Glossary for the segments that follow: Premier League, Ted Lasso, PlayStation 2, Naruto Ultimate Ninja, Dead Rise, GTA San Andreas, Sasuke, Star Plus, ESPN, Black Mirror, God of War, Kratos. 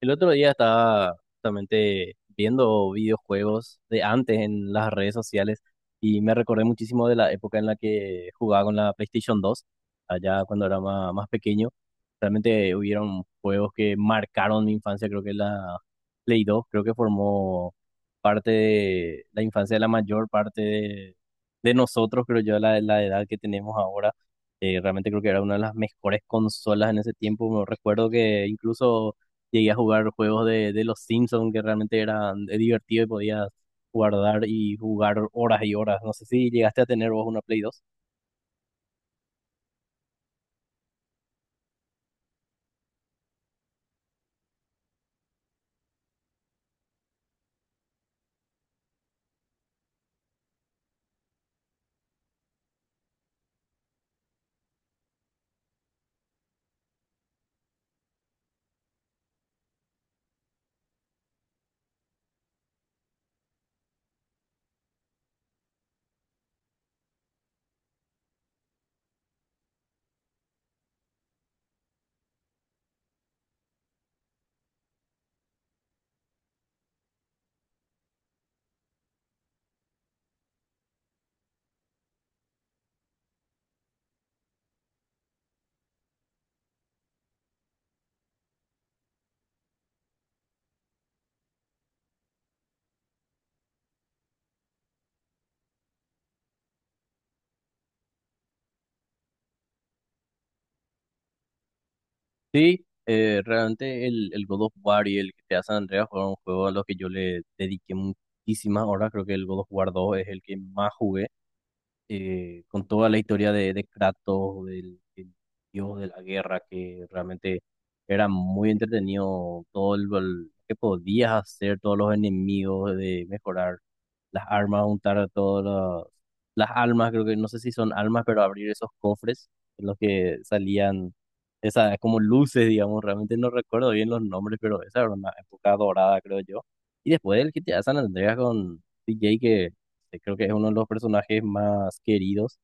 El otro día estaba justamente viendo videojuegos de antes en las redes sociales y me recordé muchísimo de la época en la que jugaba con la PlayStation 2, allá cuando era pequeño. Realmente hubieron juegos que marcaron mi infancia. Creo que la Play 2, creo que formó parte de la infancia de la mayor parte de nosotros, creo yo, la edad que tenemos ahora. Realmente creo que era una de las mejores consolas en ese tiempo. Me recuerdo que incluso llegué a jugar juegos de los Simpsons, que realmente eran divertidos, y podías guardar y jugar horas y horas. No sé si llegaste a tener vos una Play 2. Sí, realmente el God of War y el que GTA San Andreas fueron juegos a los que yo le dediqué muchísimas horas. Creo que el God of War 2 es el que más jugué, con toda la historia de Kratos, del dios de la guerra, que realmente era muy entretenido todo lo que podías hacer, todos los enemigos, de mejorar las armas, juntar todas las, las almas. Creo que no sé si son almas, pero abrir esos cofres en los que salían esas como luces, digamos. Realmente no recuerdo bien los nombres, pero esa era una época dorada, creo yo. Y después el GTA San Andreas con DJ, que creo que es uno de los personajes más queridos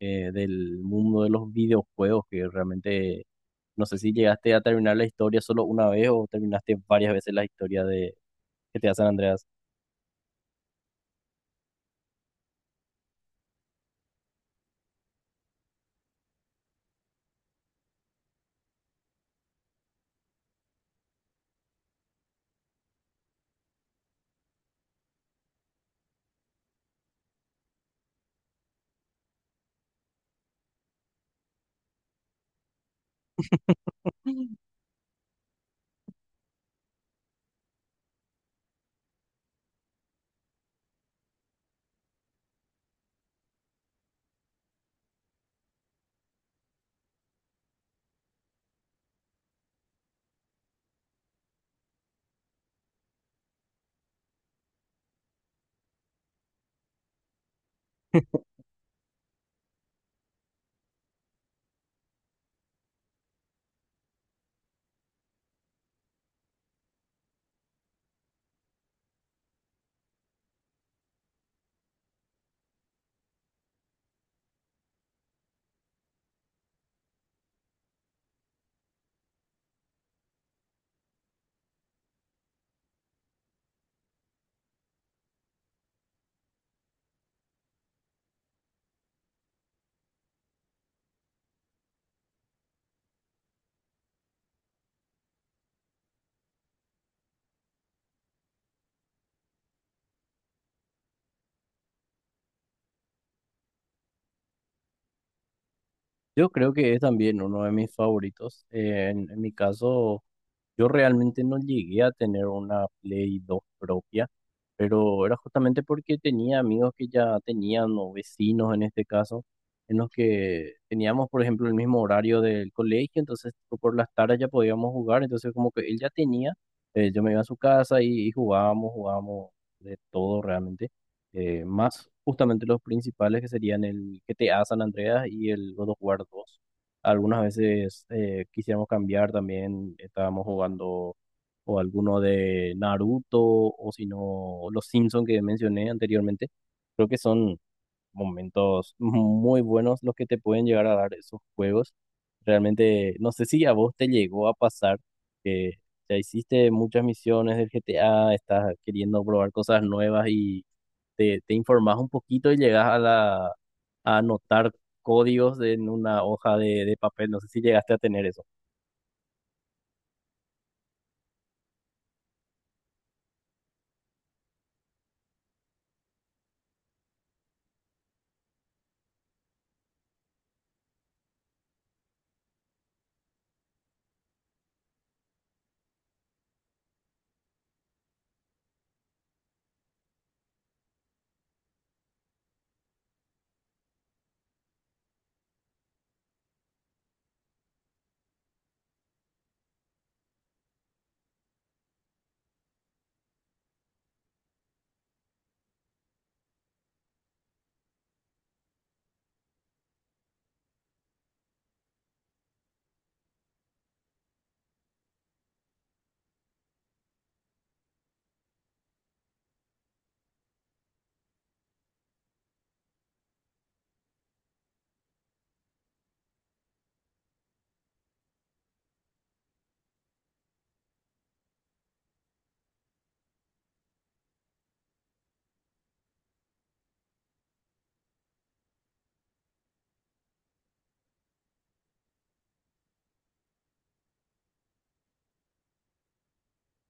del mundo de los videojuegos, que realmente no sé si llegaste a terminar la historia solo una vez o terminaste varias veces la historia de que te hacen Andreas. Yo creo que es también uno de mis favoritos. En mi caso, yo realmente no llegué a tener una Play 2 propia, pero era justamente porque tenía amigos que ya tenían, o vecinos en este caso, en los que teníamos, por ejemplo, el mismo horario del colegio. Entonces tipo, por las tardes ya podíamos jugar, entonces como que él ya tenía, yo me iba a su casa y jugábamos, jugábamos de todo realmente, más justamente los principales, que serían el GTA San Andreas y el God of War 2. Algunas veces quisiéramos cambiar también, estábamos jugando o alguno de Naruto, o si no los Simpson que mencioné anteriormente. Creo que son momentos muy buenos los que te pueden llegar a dar esos juegos. Realmente, no sé si a vos te llegó a pasar que ya hiciste muchas misiones del GTA, estás queriendo probar cosas nuevas y te informás un poquito y llegas a a anotar códigos en una hoja de papel. No sé si llegaste a tener eso.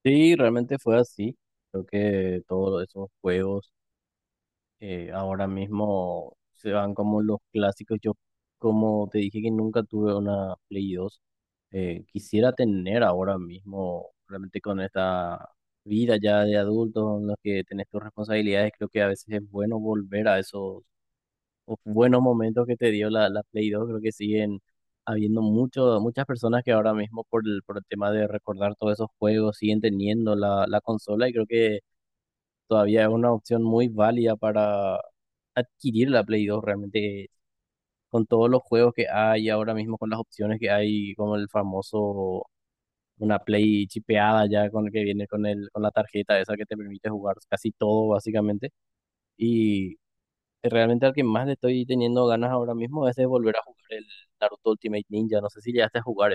Sí, realmente fue así. Creo que todos esos juegos, ahora mismo se van como los clásicos. Yo, como te dije que nunca tuve una Play dos, quisiera tener ahora mismo, realmente con esta vida ya de adultos en los que tenés tus responsabilidades. Creo que a veces es bueno volver a esos buenos momentos que te dio la Play dos. Creo que siguen habiendo mucho, muchas personas que ahora mismo por por el tema de recordar todos esos juegos siguen teniendo la consola, y creo que todavía es una opción muy válida para adquirir la Play dos realmente, con todos los juegos que hay ahora mismo, con las opciones que hay, como el famoso, una Play chipeada ya, con el que viene con con la tarjeta esa que te permite jugar casi todo básicamente. Y realmente al que más le estoy teniendo ganas ahora mismo es de volver a jugar el Naruto Ultimate Ninja. No sé si llegaste a jugar.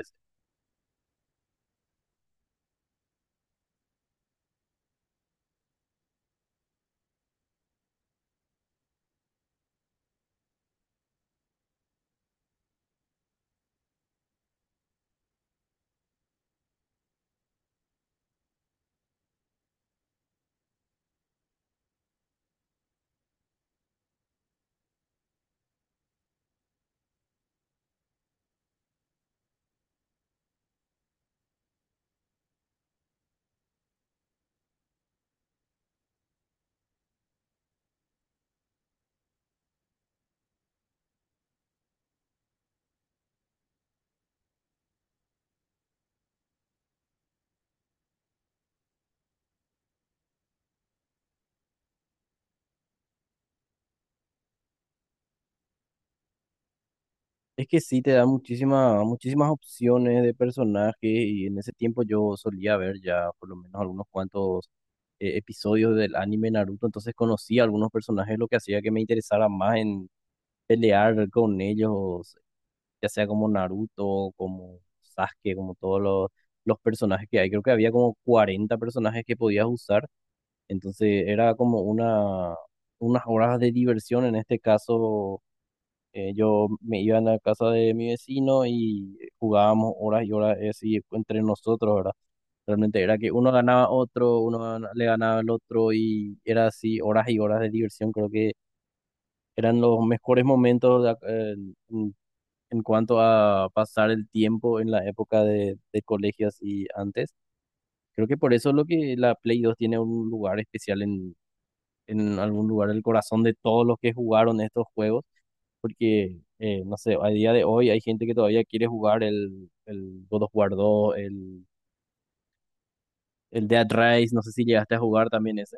Es que sí, te da muchísimas opciones de personajes, y en ese tiempo yo solía ver ya por lo menos algunos cuantos episodios del anime Naruto, entonces conocía algunos personajes, lo que hacía que me interesara más en pelear con ellos, ya sea como Naruto, como Sasuke, como todos los personajes que hay. Creo que había como 40 personajes que podías usar, entonces era como una, unas horas de diversión. En este caso yo me iba a la casa de mi vecino y jugábamos horas y horas así entre nosotros, ¿verdad? Realmente era que uno ganaba a otro, le ganaba al otro, y era así horas y horas de diversión. Creo que eran los mejores momentos de en cuanto a pasar el tiempo en la época de colegios y antes. Creo que por eso es lo que la Play dos tiene un lugar especial en algún lugar del corazón de todos los que jugaron estos juegos, porque, no sé, a día de hoy hay gente que todavía quiere jugar el God of War 2, el Dead Rise. No sé si llegaste a jugar también ese.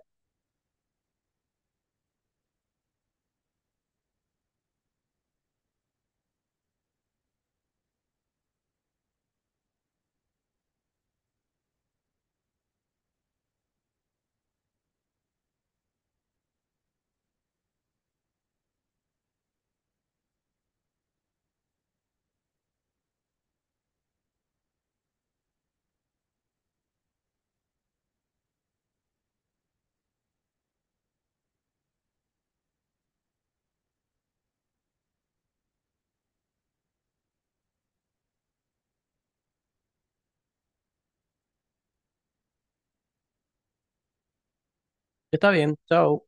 Está bien, chao.